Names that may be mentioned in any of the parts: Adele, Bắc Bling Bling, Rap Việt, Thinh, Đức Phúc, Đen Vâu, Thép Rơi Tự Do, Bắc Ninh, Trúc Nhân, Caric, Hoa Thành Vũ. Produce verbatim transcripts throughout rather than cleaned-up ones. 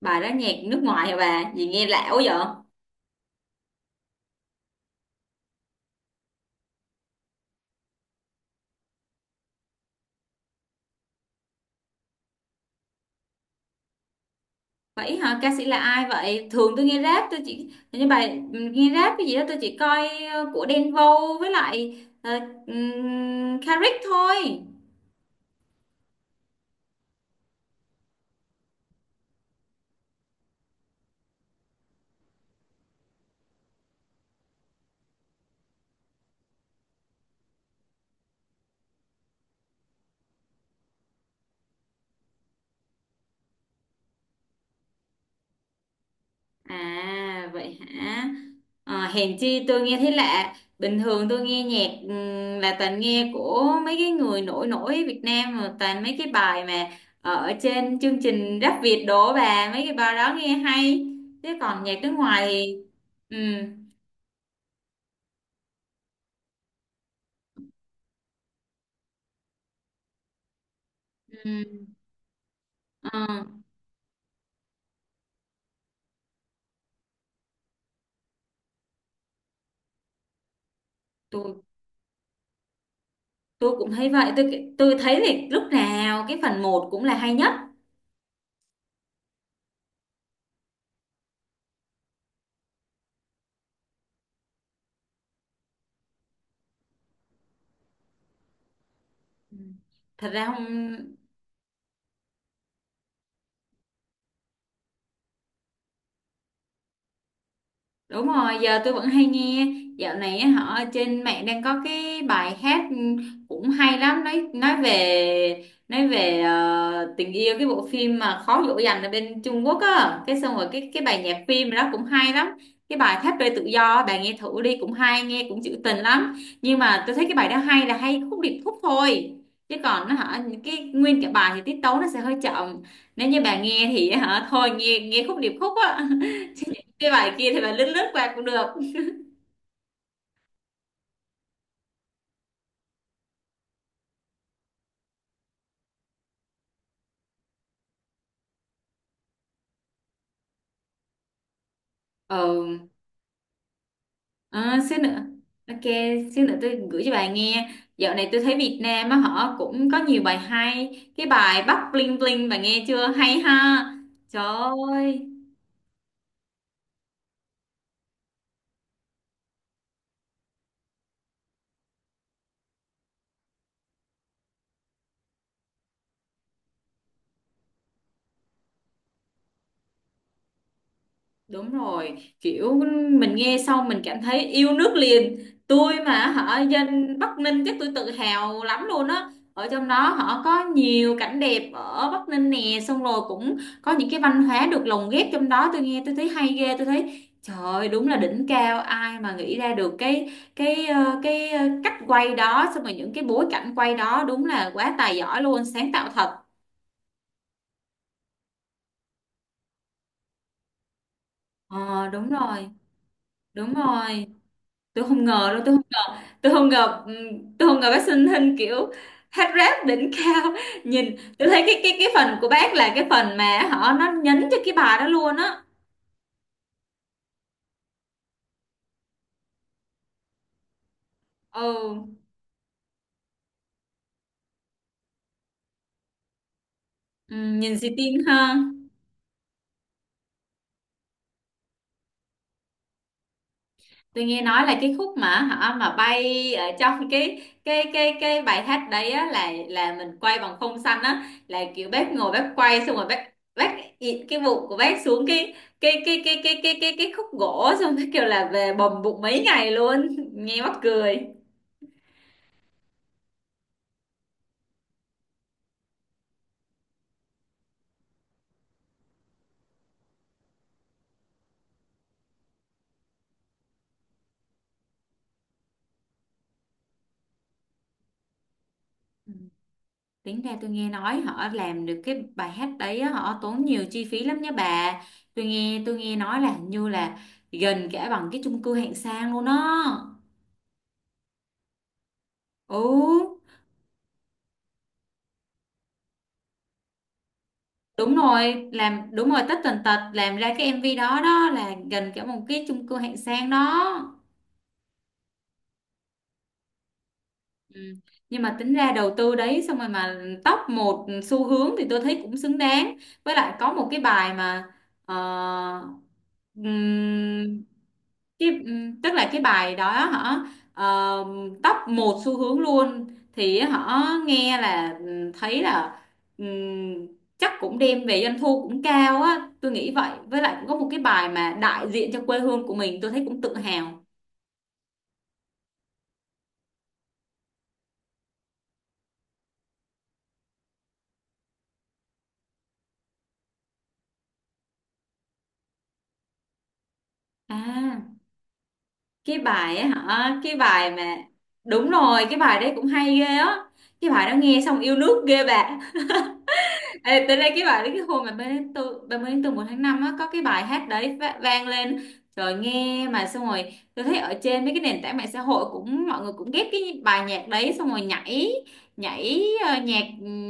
Bài đó nhạc nước ngoài hả bà? Gì nghe lạ quá vậy? Vậy hả? Ca sĩ là ai vậy? Thường tôi nghe rap, tôi chỉ như bài nghe rap cái gì đó tôi chỉ coi ờ, của Đen Vâu với lại uh, Caric thôi. À vậy hả? Ờ, hèn chi tôi nghe thấy lạ. Bình thường tôi nghe nhạc ừm, là toàn nghe của mấy cái người nổi nổi Việt Nam, mà toàn mấy cái bài mà ở trên chương trình Rap Việt đổ bà, mấy cái bài đó nghe hay. Chứ còn nhạc nước ngoài thì. Ừ. Ừ. Ờ, tôi tôi cũng thấy vậy, tôi tôi thấy thì lúc nào cái phần một cũng là hay nhất. Ừ. Thật ra không. Đúng rồi, giờ tôi vẫn hay nghe. Dạo này á, họ trên mạng đang có cái bài hát ừ, cũng hay lắm, nói nói về nói về ờ, tình yêu cái bộ phim mà khó dỗ dành ở bên Trung Quốc á, cái xong rồi cái cái bài nhạc phim đó cũng hay lắm. Cái bài Thép Rơi Tự Do á, bà nghe thử đi, cũng hay, nghe cũng trữ tình lắm. Nhưng mà tôi thấy cái bài đó hay là hay khúc điệp khúc thôi, chứ còn nó hả cái nguyên cả bài thì tiết tấu nó sẽ hơi chậm. Nếu như bà nghe thì hả thôi nghe nghe khúc điệp khúc á. Cái bài kia thì bạn lướt lướt qua cũng được. ờ À, xíu nữa. Ok, xíu nữa tôi gửi cho bạn nghe. Dạo này tôi thấy Việt Nam á họ cũng có nhiều bài hay, cái bài Bắc Bling Bling bạn nghe chưa, hay ha. Trời ơi. Đúng rồi, kiểu mình nghe xong mình cảm thấy yêu nước liền. Tôi mà hả dân Bắc Ninh chắc tôi tự hào lắm luôn á. Ở trong đó họ có nhiều cảnh đẹp ở Bắc Ninh nè, xong rồi cũng có những cái văn hóa được lồng ghép trong đó. Tôi nghe tôi thấy hay ghê, tôi thấy trời ơi, đúng là đỉnh cao, ai mà nghĩ ra được cái cái ờ, cái ờ, cách quay đó, xong rồi những cái bối cảnh quay đó đúng là quá tài giỏi luôn, sáng tạo thật. Ờ đúng rồi, đúng rồi. Tôi không ngờ đâu, tôi tôi không ngờ ừm, tôi không ngờ bác sinh Thinh kiểu hát rap đỉnh cao, nhìn tôi thấy cái cái cái phần của bác là cái phần mà họ nó nhấn cho cái bài đó luôn á. Ừ. Ừm, nhìn xì tin ha. Tôi nghe nói là cái khúc mà họ mà bay ở trong cái cái cái cái bài hát đấy á là là mình quay bằng phông xanh á, là kiểu bác ngồi bác quay xong rồi bác bác ịt cái bụng của bác xuống cái cái cái cái cái cái cái cái khúc gỗ, xong cái kiểu là về bầm bụng mấy ngày luôn. Nghe mắc cười. Ừ. Tính ra tôi nghe nói họ làm được cái bài hát đấy á, họ tốn nhiều chi phí lắm nhé bà. Tôi nghe tôi nghe nói là hình như là gần cả bằng cái chung cư hạng sang luôn đó. Ừ, đúng rồi, làm đúng rồi tất tần tật làm ra cái em vê đó, đó là gần cả một cái chung cư hạng sang đó. Ừ. Nhưng mà tính ra đầu tư đấy xong rồi mà top một xu hướng thì tôi thấy cũng xứng đáng. Với lại có một cái bài mà ờ, ừm, cái ừm, tức là cái bài đó hả ờ, top một xu hướng luôn, thì họ nghe là ừm, thấy là ừm, chắc cũng đem về doanh thu cũng cao á, tôi nghĩ vậy. Với lại cũng có một cái bài mà đại diện cho quê hương của mình tôi thấy cũng tự hào. À. Cái bài ấy hả, cái bài mà đúng rồi, cái bài đấy cũng hay ghê á, cái bài đó nghe xong yêu nước ghê bà. Ê, tới đây cái bài đấy cái hồi mà ba mươi tháng tư, ba mươi tháng tư một tháng năm á có cái bài hát đấy va- vang lên, rồi nghe mà xong rồi tôi thấy ở trên mấy cái nền tảng mạng xã hội cũng mọi người cũng ghép cái bài nhạc đấy xong rồi nhảy, nhảy ờ, nhạc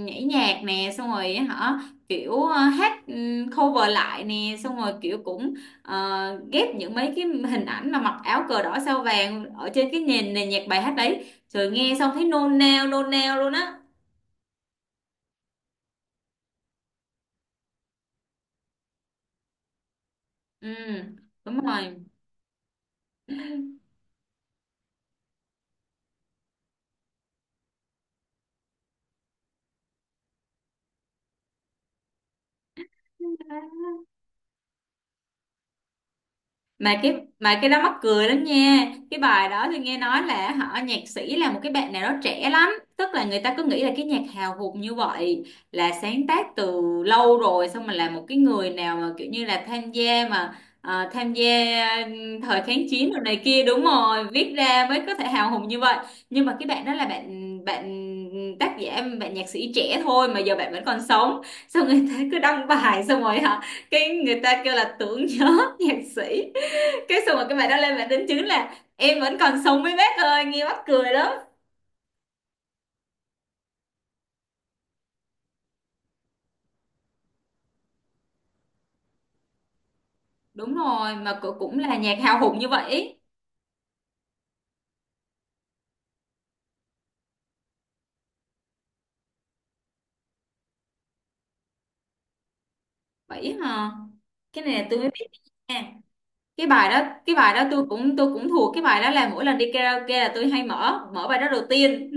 nhảy nhạc nè, xong rồi hả kiểu ờ, hát ừm, cover lại nè, xong rồi kiểu cũng ờ, ghép những mấy cái hình ảnh mà mặc áo cờ đỏ sao vàng ở trên cái nền nền nhạc bài hát đấy rồi nghe xong thấy nôn nao nôn nao luôn á. Ừ đúng rồi. Mà cái mà cái đó mắc cười lắm nha, cái bài đó thì nghe nói là họ nhạc sĩ là một cái bạn nào đó trẻ lắm, tức là người ta cứ nghĩ là cái nhạc hào hụt như vậy là sáng tác từ lâu rồi, xong mà là một cái người nào mà kiểu như là tham gia mà ờ, tham gia thời kháng chiến rồi này kia đúng rồi viết ra mới có thể hào hùng như vậy. Nhưng mà cái bạn đó là bạn bạn tác giả, bạn nhạc sĩ trẻ thôi mà giờ bạn vẫn còn sống, xong người ta cứ đăng bài xong rồi hả cái người ta kêu là tưởng nhớ nhạc sĩ, cái xong rồi cái bài đó lên bạn đính chính là em vẫn còn sống với bác ơi, nghe mắc cười lắm. Đúng rồi mà cũng cũng là nhạc hào hùng như vậy. Vậy hả? Cái này là tôi mới biết nha. Cái bài đó cái bài đó tôi cũng tôi cũng thuộc, cái bài đó là mỗi lần đi karaoke là tôi hay mở mở bài đó đầu tiên.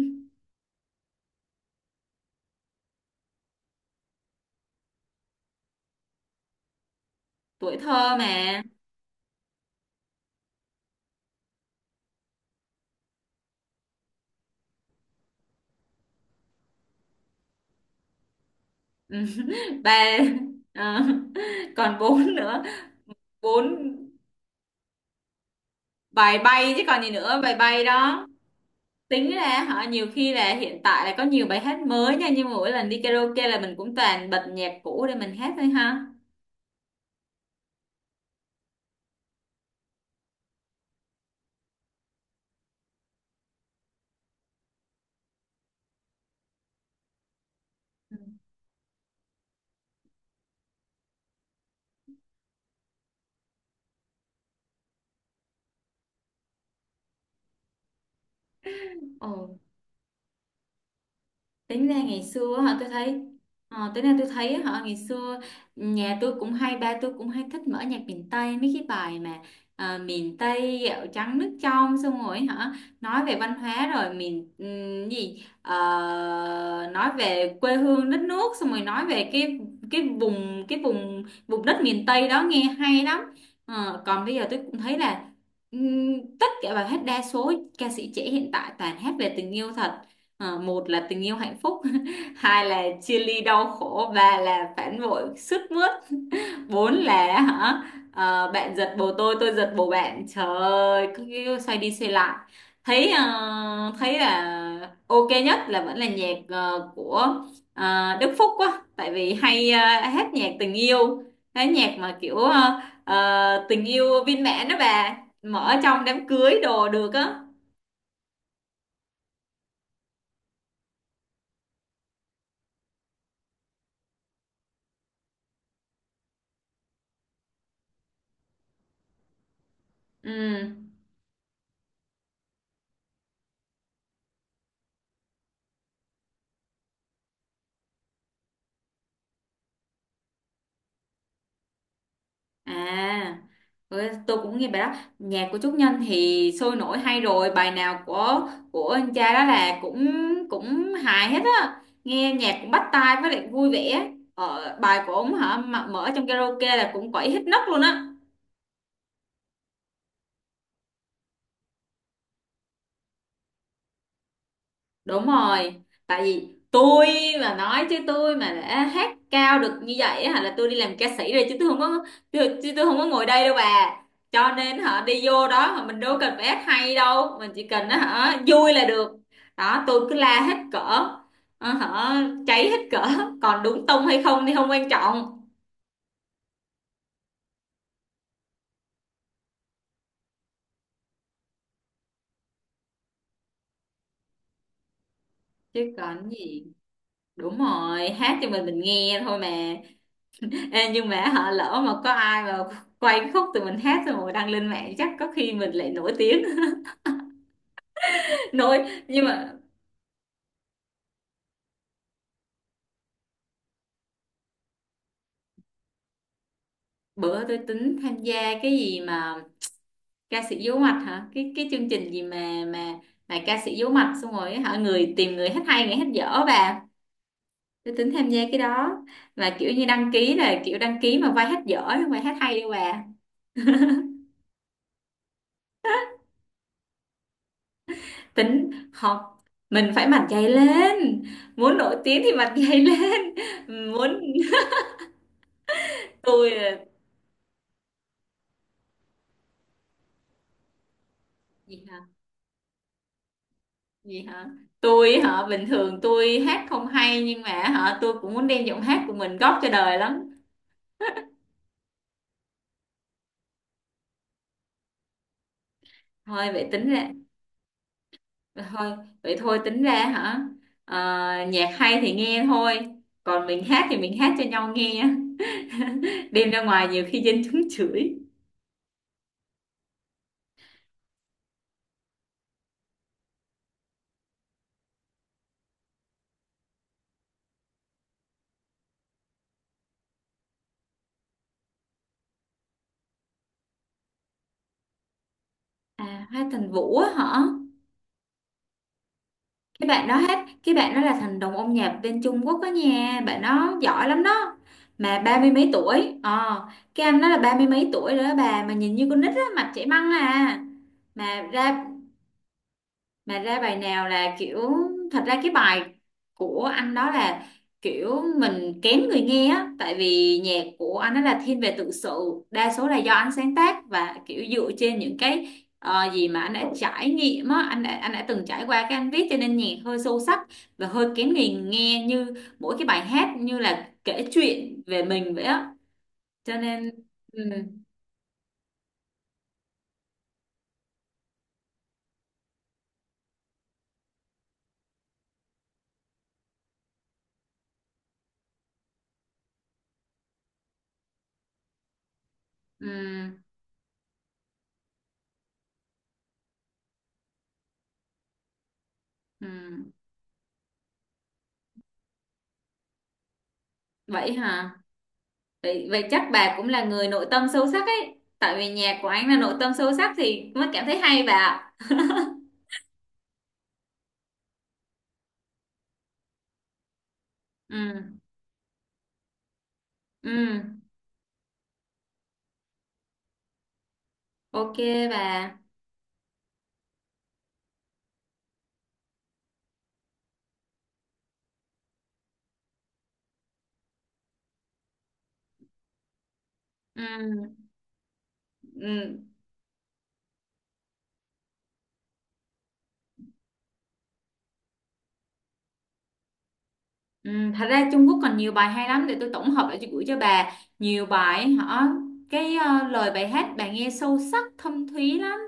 Tuổi thơ mà. Ừ. Bà, ờ, còn bốn nữa. Bốn, bài bay chứ còn gì nữa, bài bay đó. Tính ra họ nhiều khi là hiện tại là có nhiều bài hát mới nha, nhưng mà mỗi lần đi karaoke là mình cũng toàn bật nhạc cũ để mình hát thôi ha. Ừ. Ồ, tính ra ngày xưa á, tôi thấy, ờ, tính ra tôi thấy á, họ ngày xưa nhà tôi cũng hay, ba tôi cũng hay thích mở nhạc miền Tây, mấy cái bài mà ờ, miền Tây gạo trắng nước trong, xong rồi hả nói về văn hóa, rồi miền ừm, gì, Ờ, nói về quê hương đất nước, xong rồi nói về cái cái vùng cái vùng vùng đất miền Tây đó nghe hay lắm. Ờ, còn bây giờ tôi cũng thấy là ừm, tất cả bài hát đa số ca sĩ trẻ hiện tại toàn hát về tình yêu thật. Ờ, một là tình yêu hạnh phúc, hai là chia ly đau khổ, ba là phản bội sướt mướt, bốn là hả, ờ, bạn giật bồ tôi tôi giật bồ bạn, trời ơi, cứ cứ xoay đi xoay lại, thấy, ờ, thấy là ok nhất là vẫn là nhạc ờ, của ờ, Đức Phúc quá, tại vì hay ờ, hát nhạc tình yêu, cái nhạc mà kiểu ờ, ờ, tình yêu viên mãn đó, bà mở trong đám cưới đồ được á. Ừ. À. Ừ, tôi cũng nghe bài đó. Nhạc của Trúc Nhân thì sôi nổi hay rồi, bài nào của của anh cha đó là cũng cũng hài hết á, nghe nhạc cũng bắt tai với lại vui vẻ, ờ, bài của ông hả mà mở trong karaoke là cũng quẩy hết nấc luôn á. Đúng rồi, tại vì tôi mà nói chứ tôi mà đã hát cao được như vậy á, là tôi đi làm ca sĩ rồi chứ tôi không có, tôi, chứ tôi không có ngồi đây đâu bà. Cho nên họ đi vô đó mà mình đâu cần phải hát hay đâu, mình chỉ cần nó hả vui là được. Đó, tôi cứ la hết cỡ, ờ, hả cháy hết cỡ, còn đúng tông hay không thì không quan trọng. Chứ còn gì, đúng rồi, hát cho mình mình nghe thôi mà. Ê, nhưng mà họ lỡ mà có ai mà quay cái khúc tụi mình hát xong rồi đăng lên mạng chắc có khi mình lại nổi tiếng. nổi nhưng mà bữa tôi tính tham gia cái gì mà ca sĩ giấu mặt hả, cái cái chương trình gì mà mà mà ca sĩ giấu mặt xong rồi hả người tìm người hát hay người hát dở bà, tôi tính tham gia cái đó, mà kiểu như đăng ký là kiểu đăng ký mà vai hát dở không phải hát hay đâu bà, tính học mình phải mặt dày lên, muốn nổi tiếng thì mặt dày lên. muốn tôi là- gì hả? Gì hả, tôi hả, bình thường tôi hát không hay nhưng mà hả tôi cũng muốn đem giọng hát của mình góp cho đời lắm. Thôi vậy tính ra thôi vậy thôi tính ra hả ờ, nhạc hay thì nghe thôi, còn mình hát thì mình hát cho nhau nghe, đem ra ngoài nhiều khi dân chúng chửi. À, Hoa Thành Vũ á hả. Cái bạn đó hết cái bạn đó là thần đồng âm nhạc bên Trung Quốc đó nha, bạn đó giỏi lắm đó, mà ba mươi mấy tuổi, ờ cái anh đó là ba mươi mấy tuổi rồi đó bà, mà nhìn như con nít á, mặt chảy măng à. Mà ra mà ra bài nào là kiểu thật ra cái bài của anh đó là kiểu mình kém người nghe á, tại vì nhạc của anh đó là thiên về tự sự, đa số là do anh sáng tác và kiểu dựa trên những cái ờ, gì mà anh đã trải nghiệm á, anh đã, anh đã từng trải qua cái anh viết cho nên nhạc hơi sâu sắc và hơi kén người nghe, như mỗi cái bài hát như là kể chuyện về mình vậy á, cho nên ừ, ừ, ừ. Vậy hả? Vậy, vậy chắc bà cũng là người nội tâm sâu sắc ấy. Tại vì nhạc của anh là nội tâm sâu sắc thì mới cảm thấy hay bà. ạ. Ừ, ừ, ok bà. Ừ, ừ, ừ. Thật ra Trung Quốc còn nhiều bài hay lắm để tôi tổng hợp lại cho, gửi cho bà. Nhiều bài ấy hả? Cái ờ, lời bài hát bà nghe sâu sắc, thâm thúy lắm.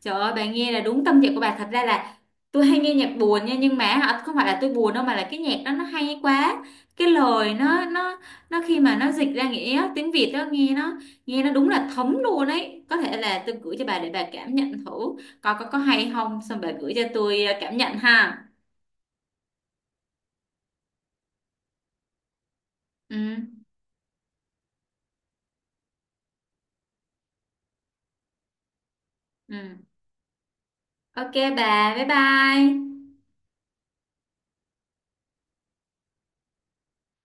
Trời ơi, bà nghe là đúng tâm trạng của bà. Thật ra là tôi hay nghe nhạc buồn nha, nhưng mà hả, không phải là tôi buồn đâu mà là cái nhạc đó nó hay quá. Cái lời nó nó nó khi mà nó dịch ra nghĩa tiếng Việt đó nghe nó nghe nó đúng là thấm luôn ấy. Có thể là tôi gửi cho bà để bà cảm nhận thử coi có có hay không, xong bà gửi cho tôi ờ, cảm nhận ha. Ừ ừ. Ok bà, bye bye.